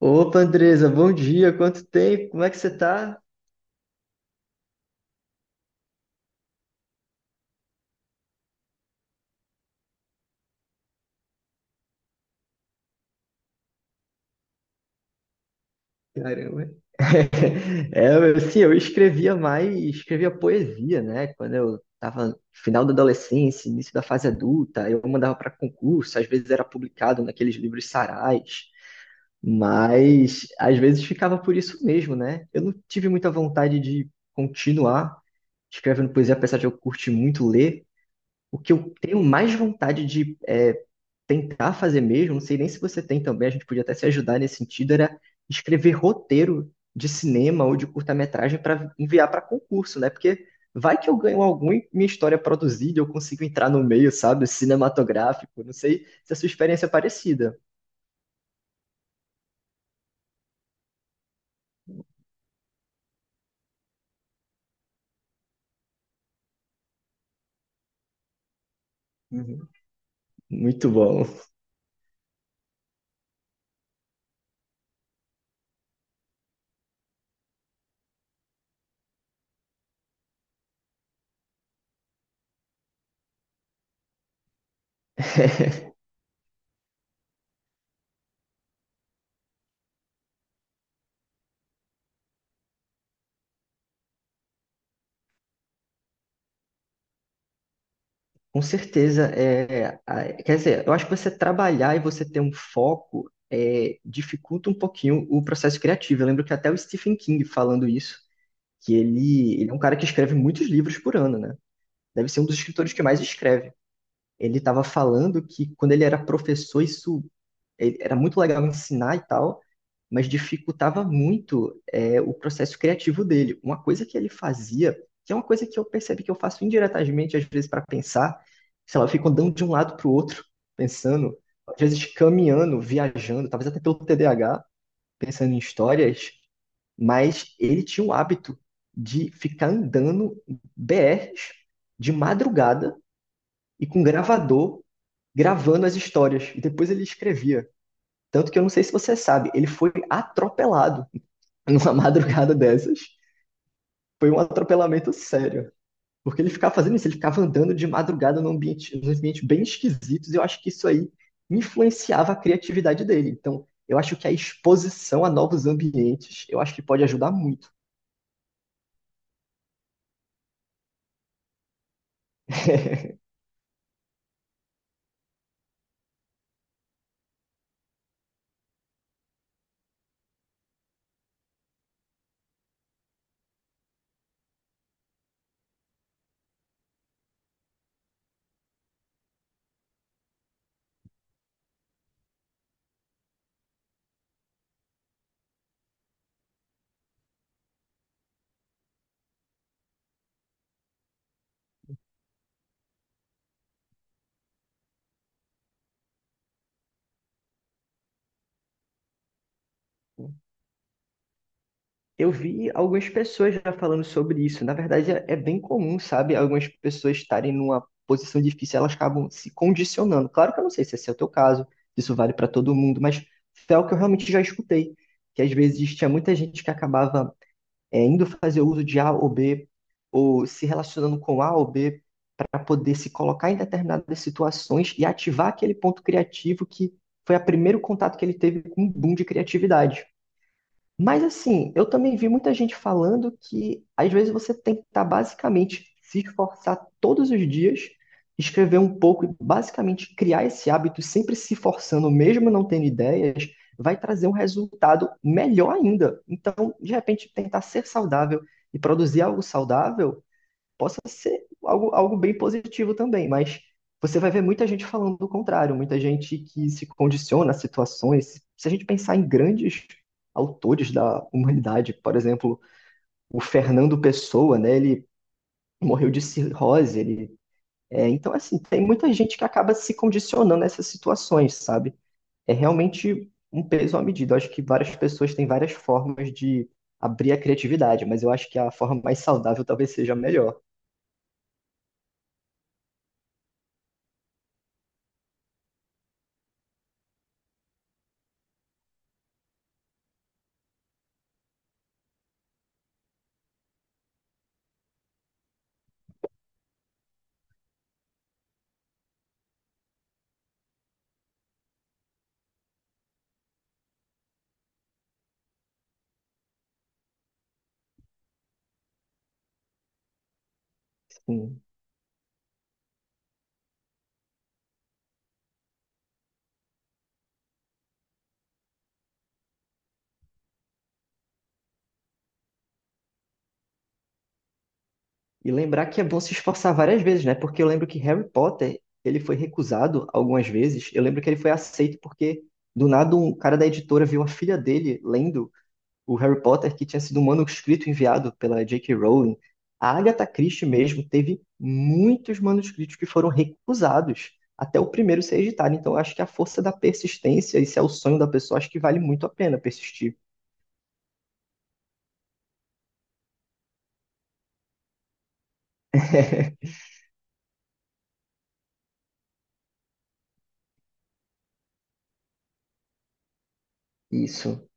Opa, Andresa, bom dia, quanto tempo, como é que você tá? Caramba. Eu escrevia mais, escrevia poesia, né? Quando eu tava no final da adolescência, início da fase adulta, eu mandava para concurso, às vezes era publicado naqueles livros Sarais, mas às vezes ficava por isso mesmo, né? Eu não tive muita vontade de continuar escrevendo poesia, apesar de eu curtir muito ler. O que eu tenho mais vontade de é tentar fazer mesmo, não sei nem se você tem também, a gente podia até se ajudar nesse sentido, era escrever roteiro de cinema ou de curta-metragem para enviar para concurso, né? Porque vai que eu ganho algum e minha história é produzida, eu consigo entrar no meio, sabe? Cinematográfico, não sei se a sua experiência é parecida. Uhum. Muito bom. Com certeza, quer dizer, eu acho que você trabalhar e você ter um foco dificulta um pouquinho o processo criativo. Eu lembro que até o Stephen King falando isso, que ele é um cara que escreve muitos livros por ano, né? Deve ser um dos escritores que mais escreve. Ele estava falando que quando ele era professor, isso era muito legal ensinar e tal, mas dificultava muito o processo criativo dele. Uma coisa que ele fazia, que é uma coisa que eu percebi que eu faço indiretamente, às vezes, para pensar, sei lá, eu fico andando de um lado para o outro, pensando, às vezes caminhando, viajando, talvez até pelo TDAH, pensando em histórias, mas ele tinha o hábito de ficar andando BRs de madrugada e com gravador gravando as histórias. E depois ele escrevia. Tanto que eu não sei se você sabe, ele foi atropelado numa madrugada dessas. Foi um atropelamento sério. Porque ele ficava fazendo isso, ele ficava andando de madrugada num ambiente bem esquisitos, e eu acho que isso aí influenciava a criatividade dele. Então, eu acho que a exposição a novos ambientes, eu acho que pode ajudar muito. Eu vi algumas pessoas já falando sobre isso. Na verdade, é bem comum, sabe? Algumas pessoas estarem numa posição difícil, elas acabam se condicionando. Claro que eu não sei se esse é o teu caso, se isso vale para todo mundo, mas foi algo que eu realmente já escutei, que às vezes tinha muita gente que acabava indo fazer uso de A ou B, ou se relacionando com A ou B para poder se colocar em determinadas situações e ativar aquele ponto criativo que foi o primeiro contato que ele teve com um boom de criatividade. Mas assim, eu também vi muita gente falando que às vezes você tem que estar basicamente se esforçar todos os dias, escrever um pouco e basicamente criar esse hábito, sempre se forçando, mesmo não tendo ideias, vai trazer um resultado melhor ainda. Então, de repente, tentar ser saudável e produzir algo saudável possa ser algo, algo bem positivo também, mas você vai ver muita gente falando do contrário, muita gente que se condiciona a situações. Se a gente pensar em grandes autores da humanidade, por exemplo, o Fernando Pessoa, né? Ele morreu de cirrose, ele é, então, assim, tem muita gente que acaba se condicionando a essas situações, sabe? É realmente um peso à medida. Eu acho que várias pessoas têm várias formas de abrir a criatividade, mas eu acho que a forma mais saudável talvez seja a melhor. Sim. E lembrar que é bom se esforçar várias vezes, né? Porque eu lembro que Harry Potter, ele foi recusado algumas vezes. Eu lembro que ele foi aceito porque, do nada, um cara da editora viu a filha dele lendo o Harry Potter, que tinha sido um manuscrito enviado pela J.K. Rowling. A Agatha Christie mesmo teve muitos manuscritos que foram recusados até o primeiro ser editado. Então, eu acho que a força da persistência, esse é o sonho da pessoa, acho que vale muito a pena persistir. Isso.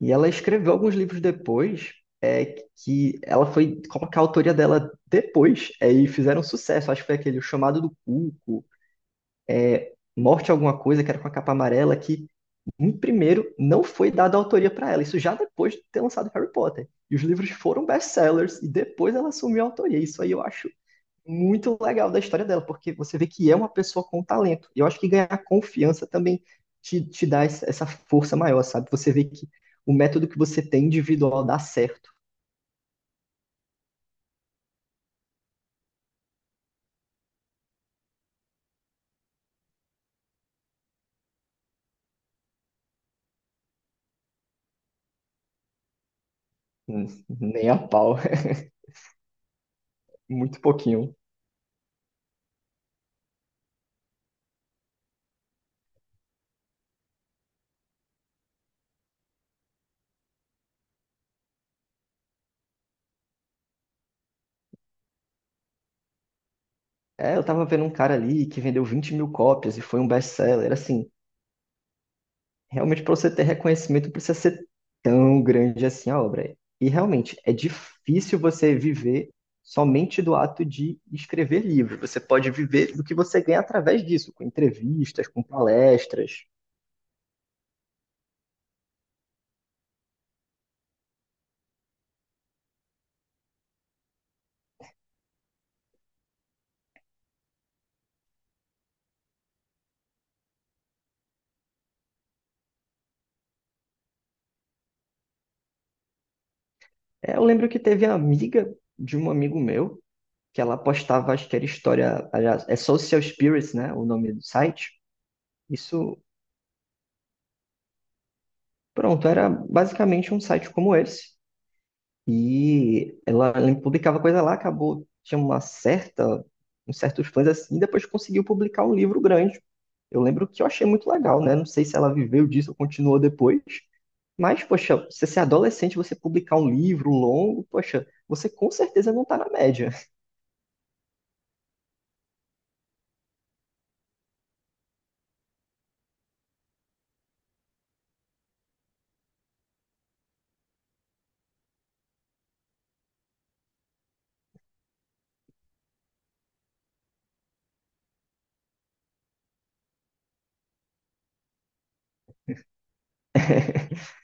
E ela escreveu alguns livros depois, é, que ela foi colocar a autoria dela depois, e fizeram sucesso. Acho que foi aquele O Chamado do Cuco, Morte Alguma Coisa, que era com a capa amarela, que em primeiro não foi dada a autoria para ela. Isso já depois de ter lançado Harry Potter. E os livros foram best-sellers, e depois ela assumiu a autoria. Isso aí eu acho muito legal da história dela, porque você vê que é uma pessoa com talento. E eu acho que ganhar confiança também te dá essa força maior, sabe? Você vê que o método que você tem individual dá certo. Nem a pau, muito pouquinho. É, eu tava vendo um cara ali que vendeu 20 mil cópias e foi um best-seller, assim. Realmente, para você ter reconhecimento, não precisa ser tão grande assim a obra. E realmente, é difícil você viver somente do ato de escrever livros. Você pode viver do que você ganha através disso, com entrevistas, com palestras. É, eu lembro que teve a amiga de um amigo meu, que ela postava, acho que era história, aliás, é Social Spirits, né, o nome do site. Isso, pronto, era basicamente um site como esse. E ela publicava coisa lá, acabou, tinha uma certa, uns certos fãs assim, e depois conseguiu publicar um livro grande. Eu lembro que eu achei muito legal, né? Não sei se ela viveu disso ou continuou depois. Mas, poxa, você ser adolescente, você publicar um livro longo, poxa, você com certeza não tá na média.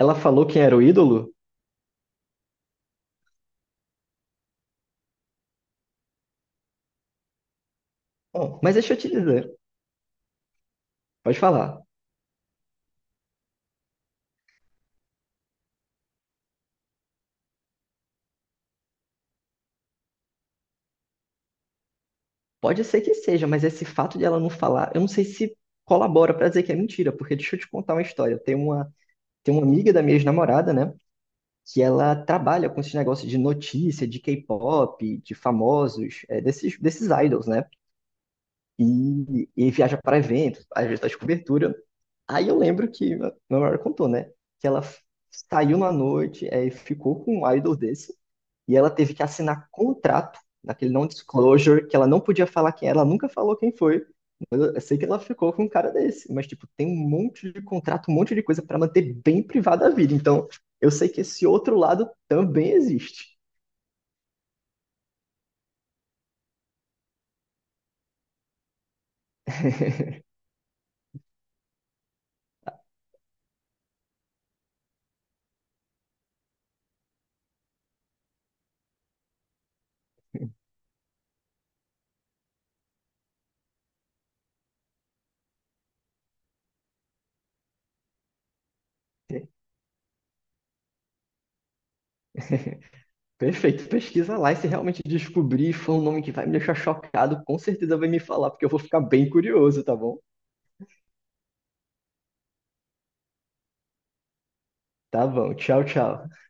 Ela falou quem era o ídolo? Bom, mas deixa eu te dizer, pode falar. Pode ser que seja, mas esse fato de ela não falar, eu não sei se colabora pra dizer que é mentira, porque deixa eu te contar uma história. Tem uma amiga da minha ex-namorada, né? Que ela trabalha com esse negócio de notícia, de K-pop, de famosos, desses, desses idols, né? E viaja para eventos, às vezes faz cobertura. Aí eu lembro que meu maior contou, né? Que saiu na noite, e ficou com um idol desse, e ela teve que assinar contrato, naquele non-disclosure, que ela não podia falar quem era, ela nunca falou quem foi. Mas eu sei que ela ficou com um cara desse, mas tipo, tem um monte de contrato, um monte de coisa pra manter bem privada a vida. Então, eu sei que esse outro lado também existe. Perfeito, pesquisa lá e se realmente descobrir for um nome que vai me deixar chocado, com certeza vai me falar, porque eu vou ficar bem curioso, tá bom? Tá bom, tchau, tchau.